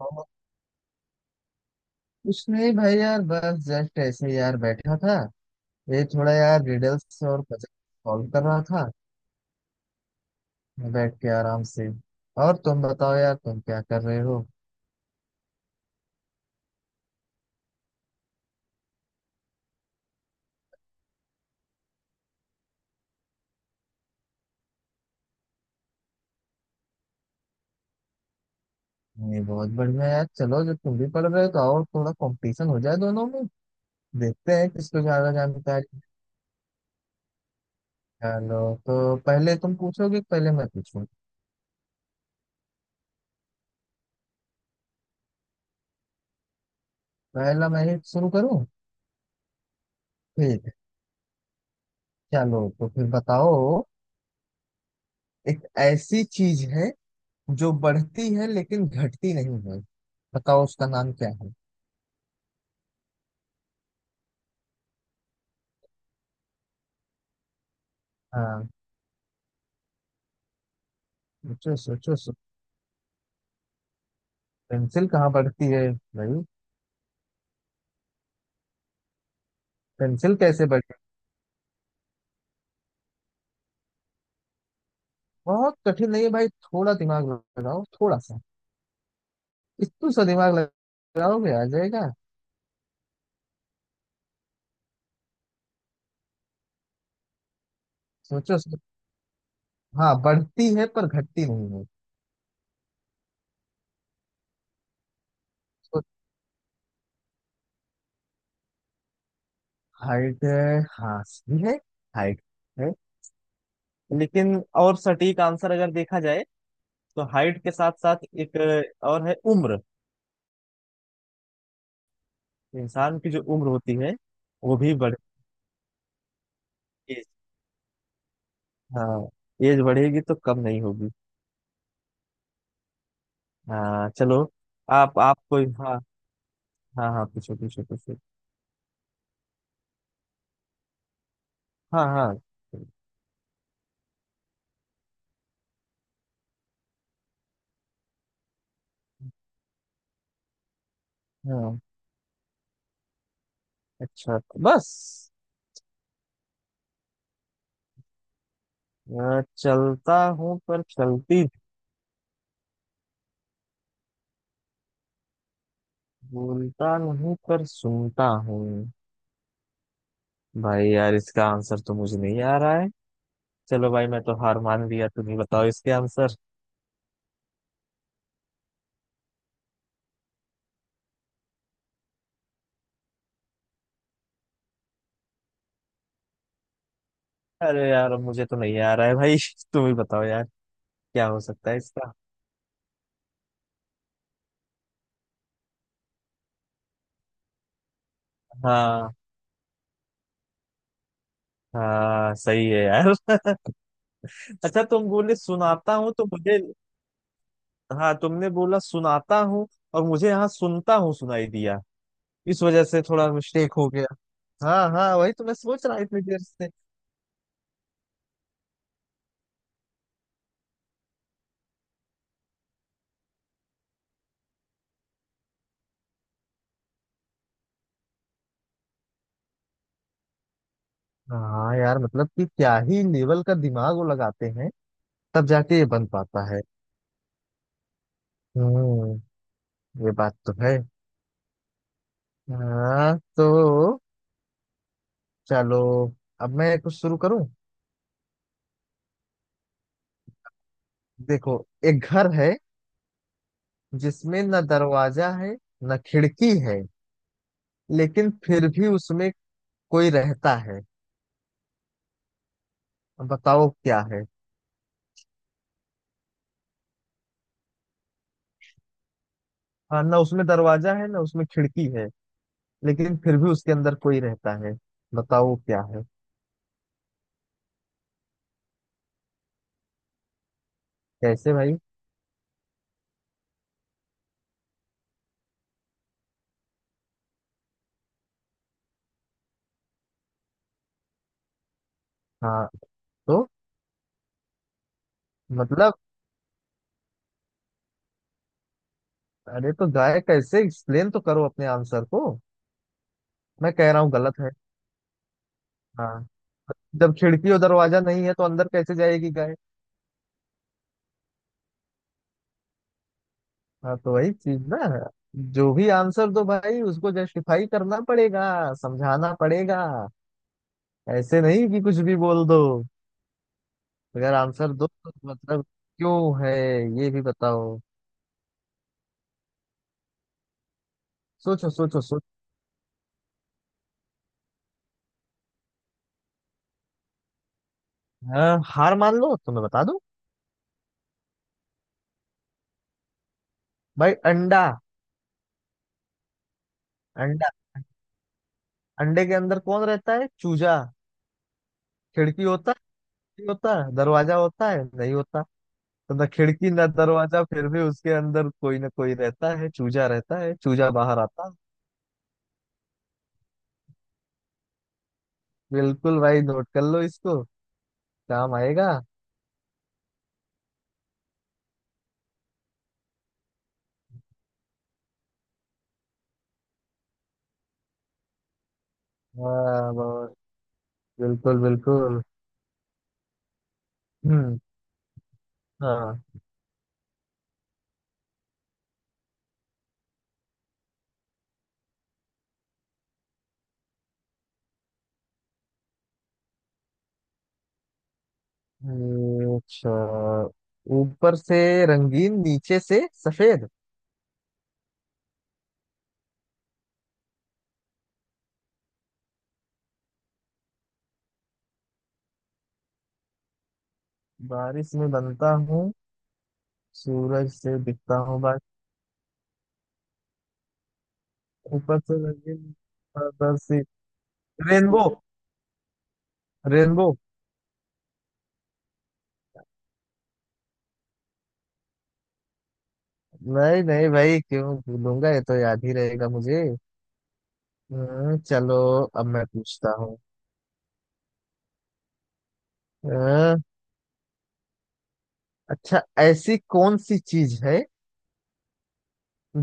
और कुछ नहीं भाई यार बस जस्ट ऐसे ही यार बैठा था। ये थोड़ा यार रिडल्स और पजल सॉल्व कर रहा था बैठ के आराम से। और तुम बताओ यार, तुम क्या कर रहे हो? ये बहुत बढ़िया यार, चलो जब तुम भी पढ़ रहे हो तो और थोड़ा कंपटीशन हो जाए दोनों में। देखते हैं किसको ज्यादा जानकारी। चलो तो पहले तुम पूछोगे कि पहले मैं पूछूं? पहला मैं ही शुरू करूं? ठीक है, चलो तो फिर बताओ। एक ऐसी चीज है जो बढ़ती है लेकिन घटती नहीं है। बताओ उसका नाम क्या है। हाँ, सोचो सोचो पेंसिल कहाँ बढ़ती है भाई? पेंसिल कैसे बढ़ती है? बहुत कठिन नहीं है भाई, थोड़ा दिमाग लगाओ, थोड़ा सा। इतना सा दिमाग लगाओगे आ जाएगा। सोचो। हाँ, बढ़ती है पर घटती नहीं है। तो हाइट है, हाँ सही है। हाइट है, लेकिन और सटीक आंसर अगर देखा जाए तो हाइट के साथ साथ एक और है, उम्र। इंसान की जो उम्र होती है वो भी बढ़। एज। हाँ, एज बढ़ेगी तो कम नहीं होगी। हाँ चलो। आप कोई, हाँ। हाँ हाँ, पूछो पूछो पूछो। हाँ हाँ हाँ। अच्छा, बस। चलता हूँ पर चलती। बोलता नहीं पर सुनता हूँ। भाई यार इसका आंसर तो मुझे नहीं आ रहा है। चलो भाई मैं तो हार मान लिया, तुम ही बताओ इसके आंसर। अरे यार अब मुझे तो नहीं आ रहा है भाई तुम ही बताओ यार। क्या हो सकता है इसका? हाँ हाँ, सही है यार। अच्छा तुम बोले सुनाता हूँ तो मुझे, हाँ तुमने बोला सुनाता हूँ, और मुझे यहाँ सुनता हूँ सुनाई दिया। इस वजह से थोड़ा मिस्टेक हो गया। हाँ हाँ, वही तो मैं सोच रहा इतनी देर से। हाँ यार, मतलब कि क्या ही लेवल का दिमाग वो लगाते हैं तब जाके ये बन पाता है। हम्म, ये बात तो है। हाँ तो चलो, अब मैं कुछ शुरू करूं। देखो, एक घर है जिसमें न दरवाजा है न खिड़की है, लेकिन फिर भी उसमें कोई रहता है। अब बताओ क्या है। हाँ, ना उसमें दरवाजा है ना उसमें खिड़की है, लेकिन फिर भी उसके अंदर कोई रहता है। बताओ क्या है। कैसे भाई? हाँ तो मतलब, अरे तो गाय कैसे, एक्सप्लेन तो करो अपने आंसर को। मैं कह रहा हूँ गलत है। हाँ, जब खिड़की और दरवाजा नहीं है तो अंदर कैसे जाएगी गाय? हाँ तो वही चीज ना, जो भी आंसर दो भाई उसको जस्टिफाई करना पड़ेगा, समझाना पड़ेगा। ऐसे नहीं कि कुछ भी बोल दो। अगर आंसर दो तो मतलब क्यों है ये भी बताओ। सोचो सोचो सोचो। हाँ, हार मान लो तो मैं बता दूं। भाई अंडा। अंडा, अंडे के अंदर कौन रहता है? चूजा। खिड़की होता है नहीं होता है, दरवाजा होता है नहीं होता। तो ना खिड़की ना दरवाजा, फिर भी उसके अंदर कोई ना कोई रहता है, चूजा रहता है, चूजा बाहर आता है। बिल्कुल भाई, नोट कर लो इसको, काम आएगा। हाँ बिल्कुल बिल्कुल। हम्म, हाँ। अच्छा। ऊपर से रंगीन नीचे से सफेद, बारिश में बनता हूँ सूरज से दिखता हूँ बाकी। ऊपर से रंगीन, बरसी। रेनबो। रेनबो। नहीं नहीं भाई, क्यों भूलूंगा, ये तो याद ही रहेगा मुझे। चलो अब मैं पूछता हूँ। अ, अच्छा, ऐसी कौन सी चीज है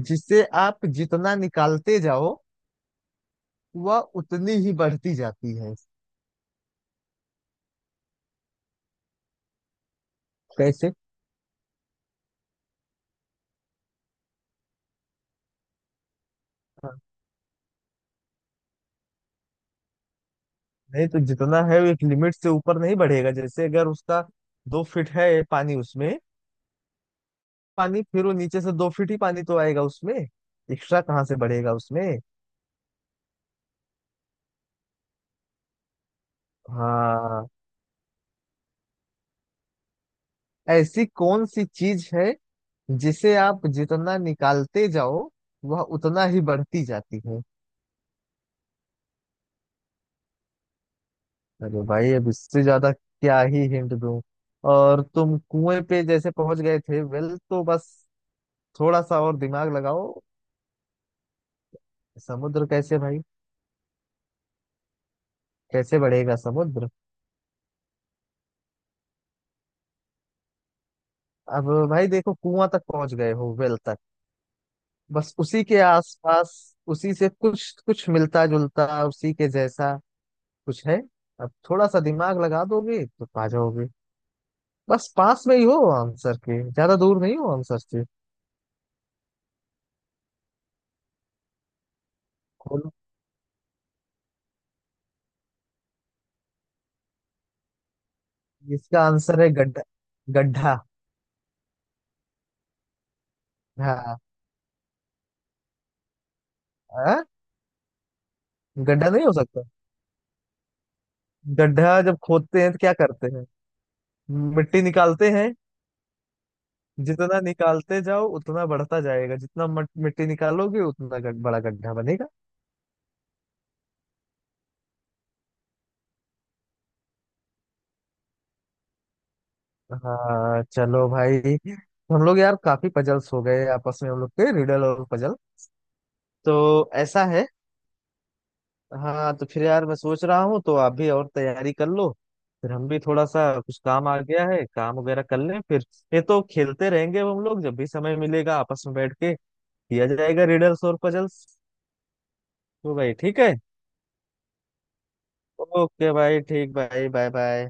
जिसे आप जितना निकालते जाओ वह उतनी ही बढ़ती जाती है? कैसे? हाँ, नहीं तो जितना है वो एक लिमिट से ऊपर नहीं बढ़ेगा। जैसे अगर उसका दो फीट है पानी उसमें, पानी फिर वो नीचे से दो फीट ही पानी तो आएगा उसमें, एक्स्ट्रा कहाँ से बढ़ेगा उसमें। हाँ, ऐसी कौन सी चीज है जिसे आप जितना निकालते जाओ वह उतना ही बढ़ती जाती है। अरे भाई अब इससे ज्यादा क्या ही हिंट दूं, और तुम कुएं पे जैसे पहुंच गए थे वेल, तो बस थोड़ा सा और दिमाग लगाओ। समुद्र कैसे भाई? कैसे बढ़ेगा समुद्र? अब भाई देखो, कुआं तक पहुंच गए हो वेल तक, बस उसी के आसपास, उसी से कुछ कुछ मिलता जुलता, उसी के जैसा कुछ है। अब थोड़ा सा दिमाग लगा दोगे तो पा जाओगे। बस पास में ही हो आंसर के, ज्यादा दूर नहीं हो आंसर से। खोलो, इसका आंसर है गड्ढा। गड्ढा। हाँ। हाँ? गड्ढा नहीं हो सकता? गड्ढा जब खोदते हैं तो क्या करते हैं, मिट्टी निकालते हैं। जितना निकालते जाओ उतना बढ़ता जाएगा, जितना मिट्टी निकालोगे उतना बड़ा गड्ढा बनेगा। हाँ चलो भाई, हम लोग यार काफी पजल्स हो गए आपस में, हम लोग के रिडल और पजल, तो ऐसा है। हाँ तो फिर यार मैं सोच रहा हूँ तो आप भी और तैयारी कर लो, फिर हम भी थोड़ा सा कुछ काम आ गया है काम वगैरह कर लें फिर। ये तो खेलते रहेंगे हम लोग, जब भी समय मिलेगा आपस में बैठ के किया जाएगा रिडल्स और पजल्स। तो भाई ठीक है। ओके भाई, ठीक भाई, बाय बाय।